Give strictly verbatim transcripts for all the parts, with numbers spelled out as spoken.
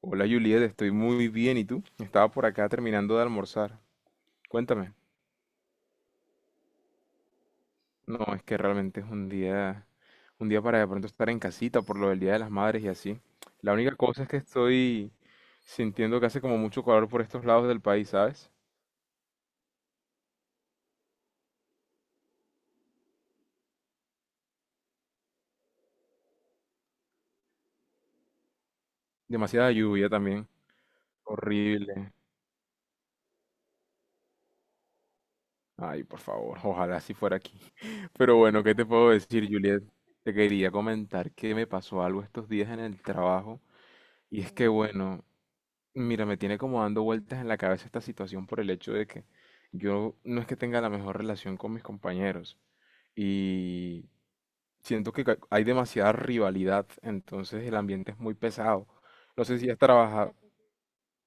Hola Juliet, estoy muy bien. ¿Y tú? Estaba por acá terminando de almorzar. Cuéntame. No, es que realmente es un día, un día para de pronto estar en casita por lo del Día de las Madres y así. La única cosa es que estoy sintiendo que hace como mucho calor por estos lados del país, ¿sabes? Demasiada lluvia también. Horrible. Ay, por favor, ojalá si fuera aquí. Pero bueno, ¿qué te puedo decir, Juliet? Te quería comentar que me pasó algo estos días en el trabajo. Y es que, bueno, mira, me tiene como dando vueltas en la cabeza esta situación por el hecho de que yo no es que tenga la mejor relación con mis compañeros y siento que ca- hay demasiada rivalidad, entonces el ambiente es muy pesado. No sé si has trabajado,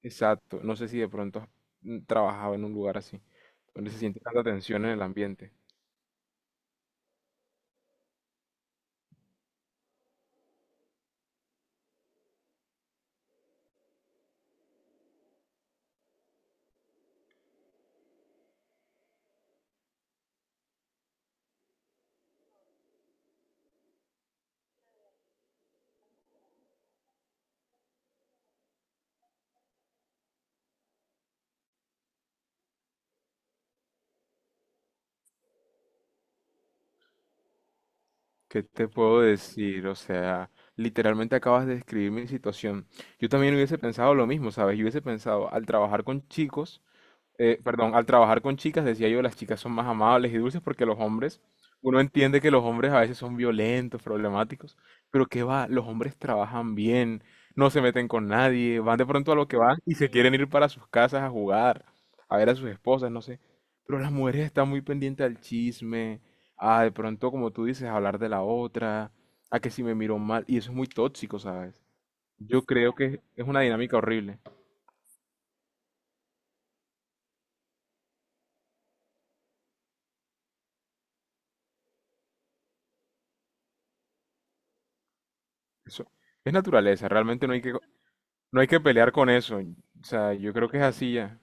exacto, no sé si de pronto has mm, trabajado en un lugar así, donde se siente tanta tensión en el ambiente. ¿Qué te puedo decir? O sea, literalmente acabas de describir mi situación. Yo también hubiese pensado lo mismo, ¿sabes? Yo hubiese pensado, al trabajar con chicos, eh, perdón, al trabajar con chicas, decía yo, las chicas son más amables y dulces porque los hombres, uno entiende que los hombres a veces son violentos, problemáticos, pero qué va, los hombres trabajan bien, no se meten con nadie, van de pronto a lo que van y se quieren ir para sus casas a jugar, a ver a sus esposas, no sé. Pero las mujeres están muy pendientes al chisme, a de pronto, como tú dices, a hablar de la otra, a que si me miro mal, y eso es muy tóxico, ¿sabes? Yo creo que es una dinámica horrible. Eso es naturaleza, realmente no hay que... No hay que pelear con eso. O sea, yo creo que es así ya.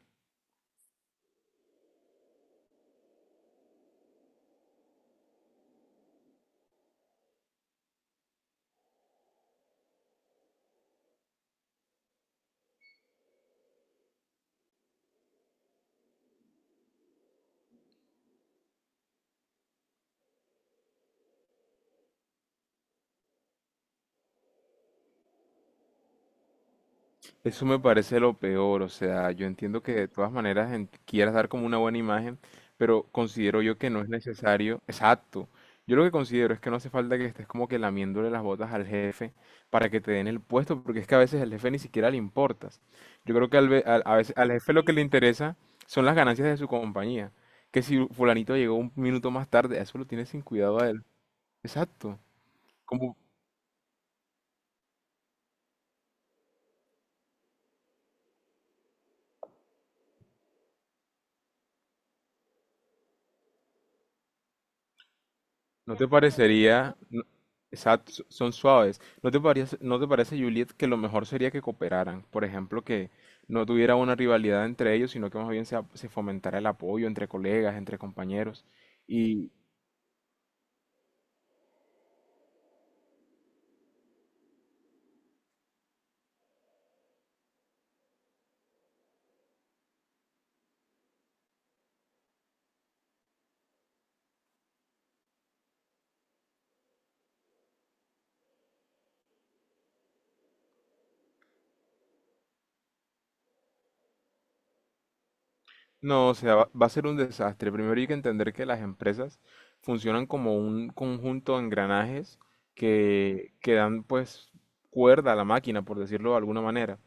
Eso me parece lo peor. O sea, yo entiendo que de todas maneras en- quieras dar como una buena imagen, pero considero yo que no es necesario. Exacto. Yo lo que considero es que no hace falta que estés como que lamiéndole las botas al jefe para que te den el puesto, porque es que a veces al jefe ni siquiera le importas. Yo creo que al, ve- al- a veces, al jefe lo que le interesa son las ganancias de su compañía. Que si fulanito llegó un minuto más tarde, a eso lo tiene sin cuidado a él. Exacto. ¿No te parecería, no- exacto, so- son suaves, ¿no te parece, ¿no te parece, Juliet, que lo mejor sería que cooperaran? Por ejemplo, que no tuviera una rivalidad entre ellos, sino que más bien se, ap- se fomentara el apoyo entre colegas, entre compañeros. Y no, o sea, va, va a ser un desastre. Primero hay que entender que las empresas funcionan como un conjunto de engranajes que, que dan pues cuerda a la máquina, por decirlo de alguna manera.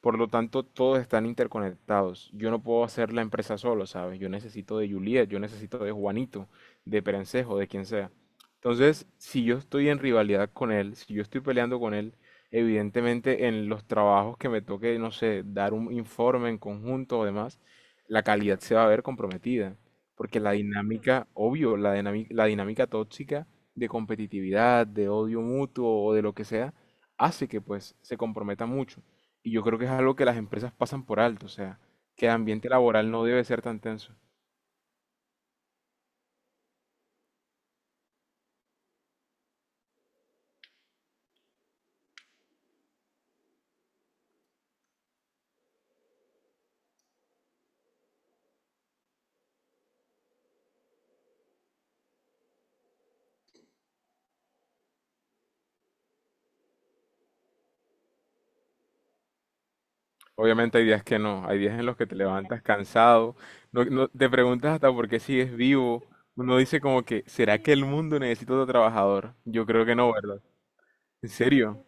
Por lo tanto, todos están interconectados. Yo no puedo hacer la empresa solo, ¿sabes? Yo necesito de Juliet, yo necesito de Juanito, de Perencejo, de quien sea. Entonces, si yo estoy en rivalidad con él, si yo estoy peleando con él, evidentemente en los trabajos que me toque, no sé, dar un informe en conjunto o demás, la calidad se va a ver comprometida, porque la dinámica, obvio, la dinámica, la dinámica tóxica de competitividad, de odio mutuo o de lo que sea, hace que pues se comprometa mucho. Y yo creo que es algo que las empresas pasan por alto, o sea, que el ambiente laboral no debe ser tan tenso. Obviamente hay días que no, hay días en los que te levantas cansado, no, no- te preguntas hasta por qué sigues vivo, uno dice como que, ¿será que el mundo necesita otro trabajador? Yo creo que no, ¿verdad? ¿En serio?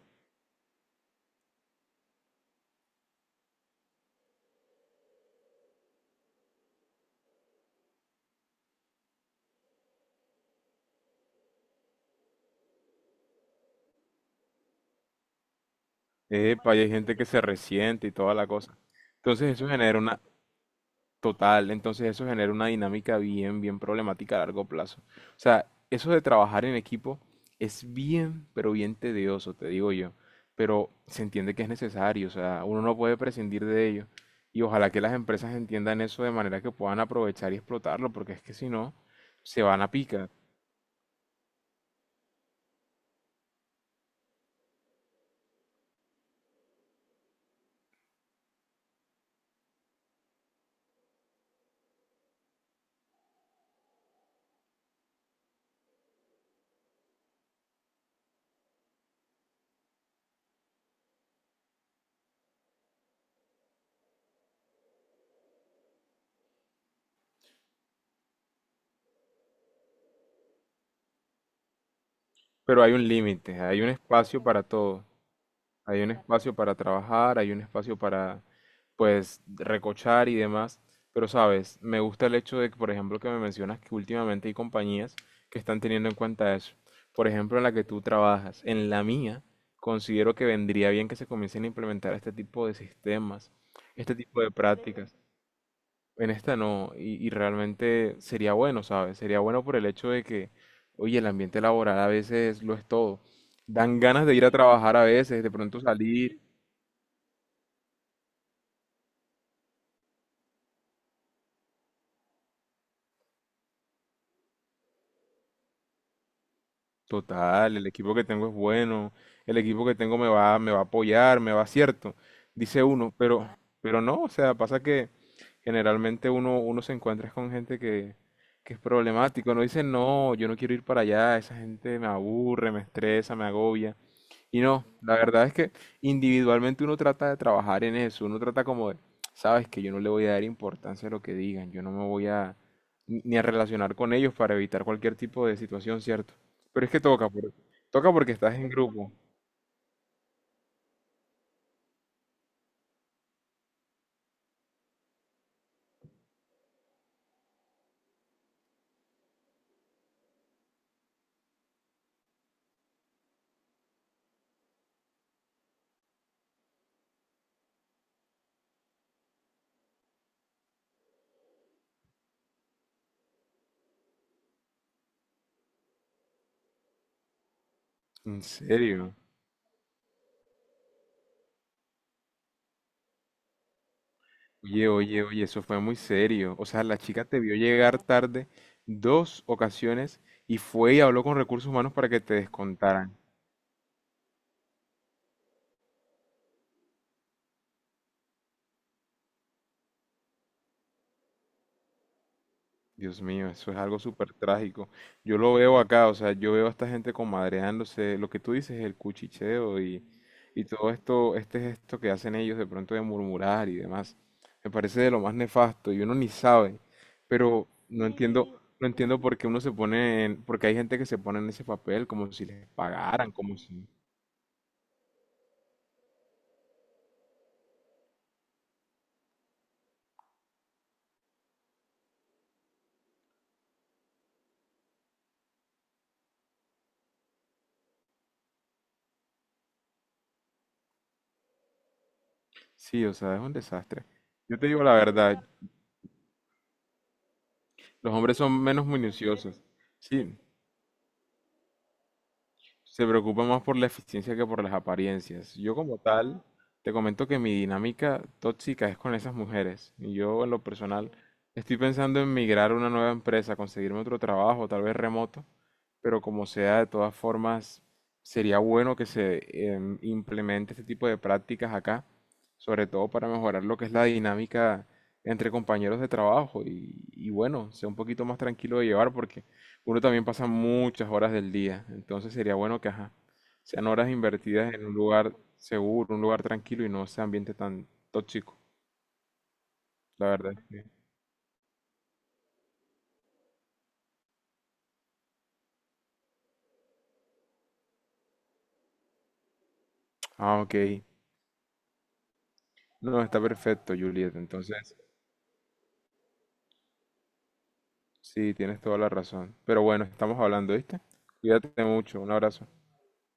Epa, y hay gente que se resiente y toda la cosa. Entonces eso genera una, total, entonces eso genera una dinámica bien, bien problemática a largo plazo. O sea, eso de trabajar en equipo es bien, pero bien tedioso, te digo yo. Pero se entiende que es necesario, o sea, uno no puede prescindir de ello. Y ojalá que las empresas entiendan eso de manera que puedan aprovechar y explotarlo, porque es que si no, se van a picar. Pero hay un límite, hay un espacio para todo. Hay un espacio para trabajar, hay un espacio para, pues, recochar y demás. Pero, sabes, me gusta el hecho de que, por ejemplo, que me mencionas que últimamente hay compañías que están teniendo en cuenta eso. Por ejemplo, en la que tú trabajas, en la mía, considero que vendría bien que se comiencen a implementar este tipo de sistemas, este tipo de prácticas. En esta no, y, y realmente sería bueno, ¿sabes? Sería bueno por el hecho de que, oye, el ambiente laboral a veces lo es todo. Dan ganas de ir a trabajar a veces, de pronto salir, total, el equipo que tengo es bueno, el equipo que tengo me va, me va a apoyar, me va cierto, dice uno, pero, pero no, o sea, pasa que generalmente uno, uno se encuentra con gente que, que es problemático, no dice, no, yo no quiero ir para allá, esa gente me aburre, me estresa, me agobia, y no, la verdad es que individualmente uno trata de trabajar en eso, uno trata como de, sabes que yo no le voy a dar importancia a lo que digan, yo no me voy a ni ni a relacionar con ellos para evitar cualquier tipo de situación, ¿cierto? Pero es que toca, por- toca porque estás en grupo. En serio. Oye, oye, oye, eso fue muy serio. O sea, la chica te vio llegar tarde dos ocasiones y fue y habló con recursos humanos para que te descontaran. Dios mío, eso es algo súper trágico. Yo lo veo acá, o sea, yo veo a esta gente comadreándose, lo que tú dices es el cuchicheo y, y todo esto, este gesto que hacen ellos de pronto de murmurar y demás. Me parece de lo más nefasto y uno ni sabe, pero no entiendo, no entiendo por qué uno se pone en, porque hay gente que se pone en ese papel como si les pagaran, como si... Sí, o sea, es un desastre. Yo te digo la verdad, los hombres son menos minuciosos. Sí, se preocupa más por la eficiencia que por las apariencias. Yo como tal, te comento que mi dinámica tóxica es con esas mujeres. Y yo en lo personal estoy pensando en migrar a una nueva empresa, conseguirme otro trabajo, tal vez remoto, pero como sea, de todas formas, sería bueno que se em, implemente este tipo de prácticas acá, sobre todo para mejorar lo que es la dinámica entre compañeros de trabajo y, y bueno, sea un poquito más tranquilo de llevar porque... Uno también pasa muchas horas del día, entonces sería bueno que, ajá, sean horas invertidas en un lugar seguro, un lugar tranquilo y no ese ambiente tan tóxico. La verdad es que... Ah, ok. No, está perfecto, Juliet. Entonces, sí, tienes toda la razón. Pero bueno, estamos hablando, ¿viste? Cuídate mucho. Un abrazo.